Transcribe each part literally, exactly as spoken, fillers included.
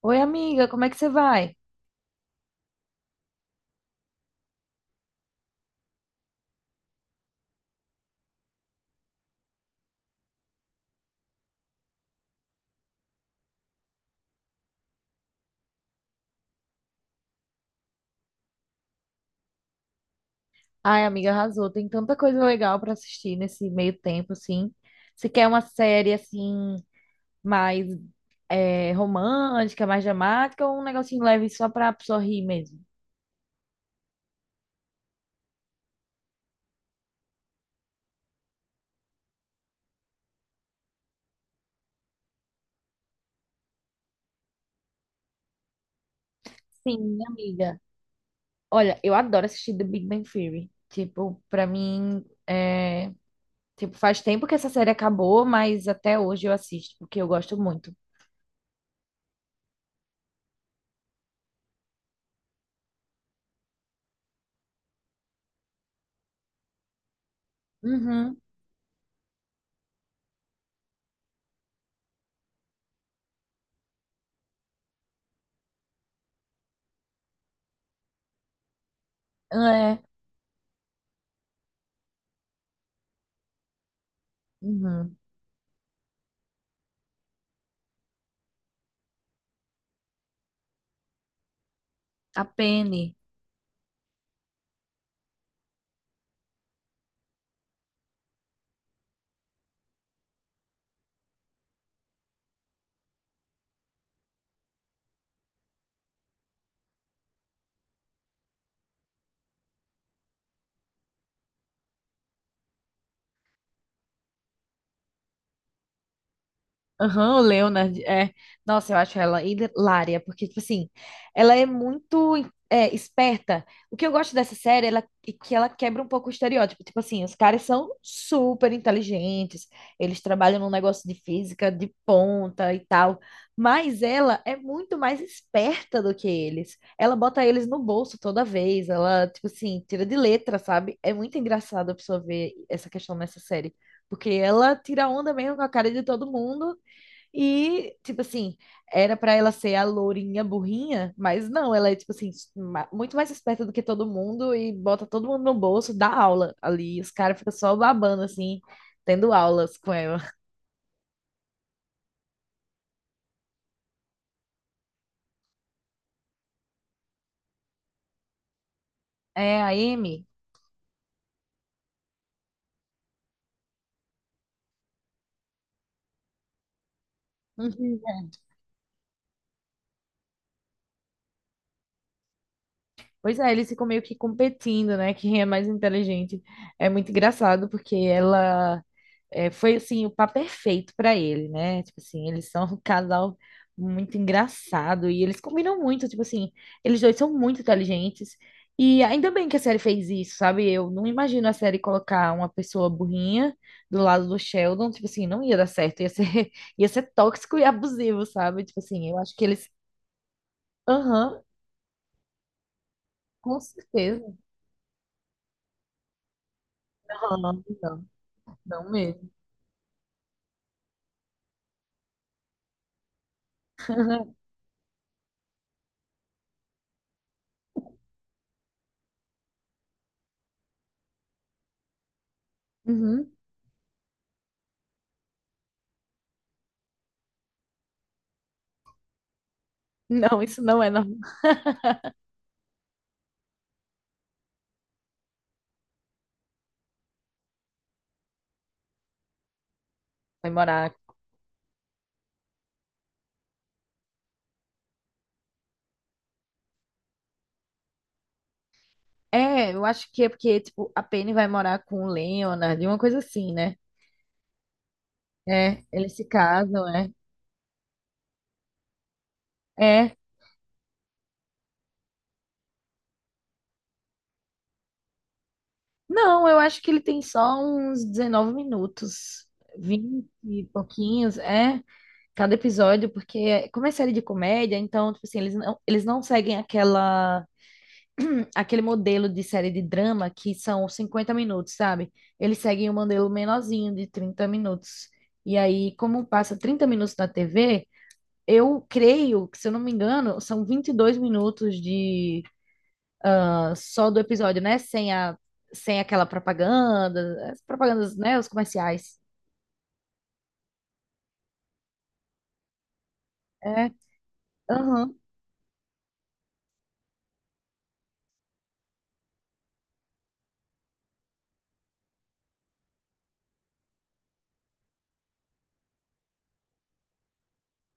Oi, amiga, como é que você vai? Ai, amiga, arrasou. Tem tanta coisa legal pra assistir nesse meio tempo, assim. Se quer uma série, assim, mais é, romântica, mais dramática, ou um negocinho leve só pra pessoa rir mesmo? Sim, amiga. Olha, eu adoro assistir The Big Bang Theory. Tipo, pra mim, é... tipo, faz tempo que essa série acabou, mas até hoje eu assisto, porque eu gosto muito. Uhum, é, uhum. A Penny. Aham, o Leonard, é. Nossa, eu acho ela hilária, porque, tipo assim, ela é muito é, esperta. O que eu gosto dessa série ela, é que ela quebra um pouco o estereótipo. Tipo assim, os caras são super inteligentes, eles trabalham num negócio de física de ponta e tal, mas ela é muito mais esperta do que eles. Ela bota eles no bolso toda vez, ela, tipo assim, tira de letra, sabe? É muito engraçado a pessoa ver essa questão nessa série, porque ela tira onda mesmo com a cara de todo mundo. E, tipo assim, era pra ela ser a lourinha burrinha, mas não, ela é, tipo assim, ma- muito mais esperta do que todo mundo e bota todo mundo no bolso, dá aula ali. Os caras ficam só babando, assim, tendo aulas com ela. É, a Amy. Uhum. Pois é, eles ficam meio que competindo, né? Quem é mais inteligente. É muito engraçado, porque ela. É, foi assim o par perfeito para ele, né? Tipo assim, eles são um casal muito engraçado e eles combinam muito, tipo assim, eles dois são muito inteligentes. E ainda bem que a série fez isso, sabe? Eu não imagino a série colocar uma pessoa burrinha do lado do Sheldon, tipo assim, não ia dar certo, ia ser, ia ser tóxico e abusivo, sabe? Tipo assim, eu acho que eles, aham, com certeza. Não, não, não mesmo. Uhum. Não, isso não é normal. Vai morar. É, eu acho que é porque, tipo, a Penny vai morar com o Leonard, uma coisa assim, né? É, eles se casam, né? É. Não, eu acho que ele tem só uns dezenove minutos, vinte e pouquinhos, é, cada episódio, porque como é série de comédia, então, tipo assim, eles não, eles não seguem aquela, aquele modelo de série de drama que são cinquenta minutos, sabe? Eles seguem um modelo menorzinho de trinta minutos. E aí, como passa trinta minutos na T V, eu creio que, se eu não me engano, são vinte e dois minutos de ah, só do episódio, né? Sem a, sem aquela propaganda, as propagandas, né? Os comerciais. É, aham.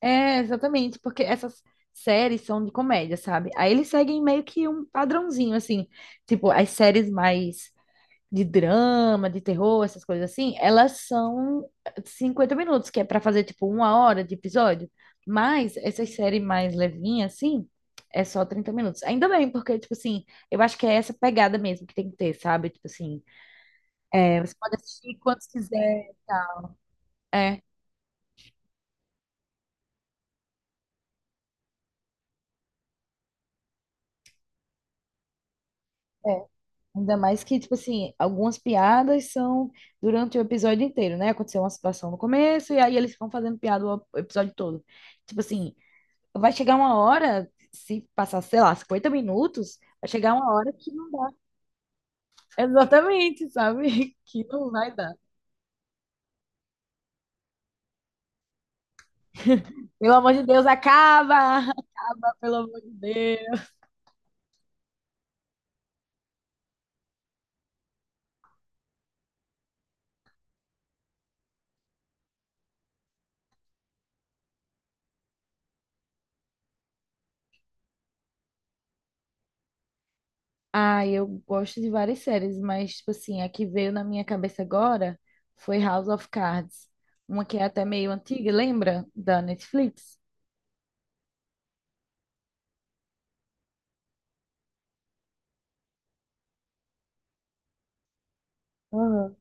É, exatamente, porque essas séries são de comédia, sabe? Aí eles seguem meio que um padrãozinho, assim, tipo, as séries mais de drama, de terror, essas coisas assim, elas são cinquenta minutos, que é pra fazer tipo uma hora de episódio. Mas essas séries mais levinhas, assim, é só trinta minutos. Ainda bem, porque, tipo assim, eu acho que é essa pegada mesmo que tem que ter, sabe? Tipo assim, é, você pode assistir quando quiser. É, é. Ainda mais que, tipo assim, algumas piadas são durante o episódio inteiro, né? Aconteceu uma situação no começo e aí eles vão fazendo piada o episódio todo. Tipo assim, vai chegar uma hora, se passar, sei lá, cinquenta minutos, vai chegar uma hora que não dá. Exatamente, sabe? Que não vai dar. Pelo amor de Deus, acaba! Pelo amor de Deus. Ah, eu gosto de várias séries, mas, tipo assim, a que veio na minha cabeça agora foi House of Cards. Uma que é até meio antiga, lembra? Da Netflix. Uhum.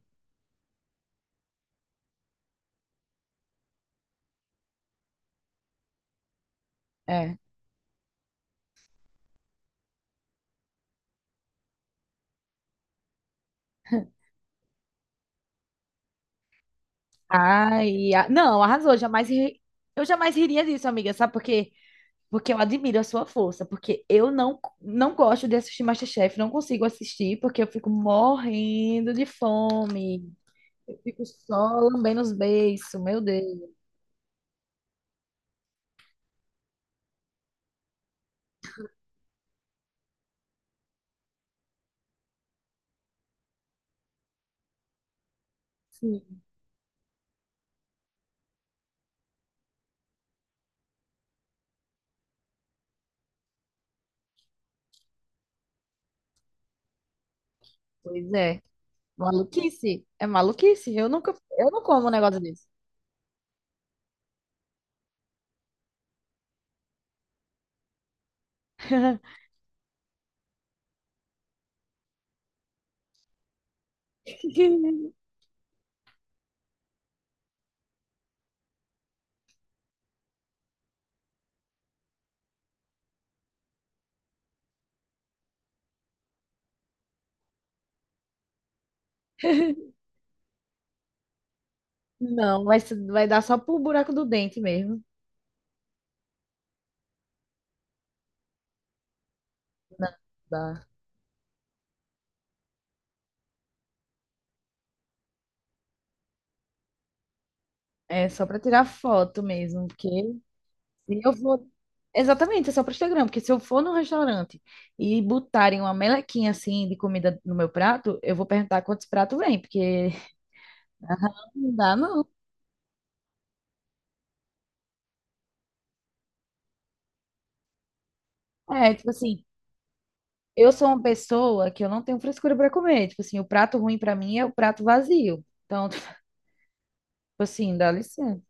É. Ai, a... não, arrasou. Jamais ri- Eu jamais riria disso, amiga, sabe por quê? Porque eu admiro a sua força, porque eu não, não gosto de assistir MasterChef, não consigo assistir, porque eu fico morrendo de fome. Eu fico só lambendo os beiços, meu Deus. Sim. Pois é. Maluquice. É maluquice. Eu nunca, eu não como um negócio desse. Não, vai, se- vai dar só pro buraco do dente mesmo. Não, dá. É só pra tirar foto mesmo, porque Se eu vou. Exatamente, é só para Instagram, porque se eu for num restaurante e botarem uma melequinha assim de comida no meu prato, eu vou perguntar quantos pratos vem, porque não dá, não. É, tipo assim, eu sou uma pessoa que eu não tenho frescura para comer. Tipo assim, o prato ruim para mim é o prato vazio. Então, tipo assim, dá licença.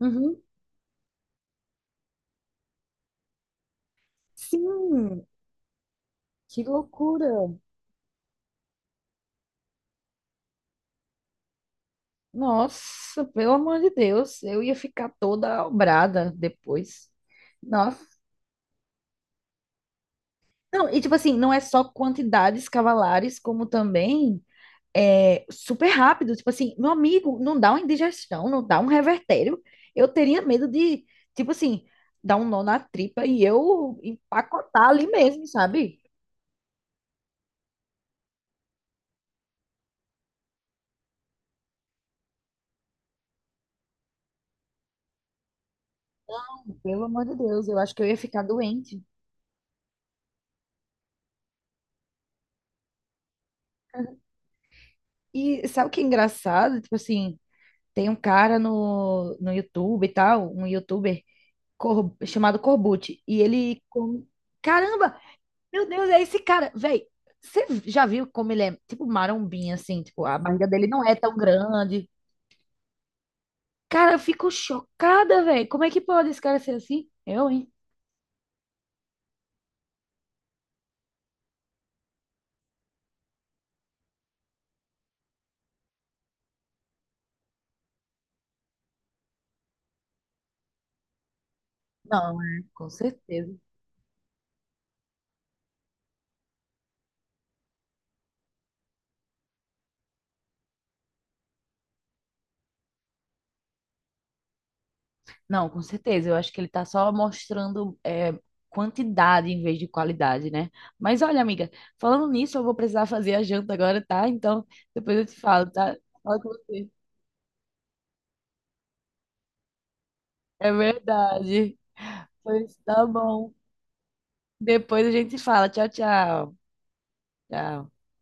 Uhum. Sim, que loucura. Nossa, pelo amor de Deus, eu ia ficar toda obrada depois. Não, e tipo assim, não é só quantidades cavalares, como também é super rápido. Tipo assim, meu amigo, não dá uma indigestão, não dá um revertério. Eu teria medo de, tipo assim, dar um nó na tripa e eu empacotar ali mesmo, sabe? Pelo amor de Deus, eu acho que eu ia ficar doente. E sabe o que é engraçado? Tipo assim, tem um cara no, no YouTube e tal, um YouTuber cor- chamado Corbucci, e ele come. Caramba, meu Deus, é esse cara. Véi, você já viu como ele é tipo marombinha, assim? Tipo, a barriga dele não é tão grande. Cara, eu fico chocada, véi. Como é que pode esse cara ser assim? Eu, hein? Não, é, com certeza. Não, com certeza. Eu acho que ele tá só mostrando é, quantidade em vez de qualidade, né? Mas olha, amiga, falando nisso, eu vou precisar fazer a janta agora, tá? Então, depois eu te falo, tá? Fala com você. É verdade. Pois tá bom. Depois a gente se fala. Tchau, tchau. Tchau.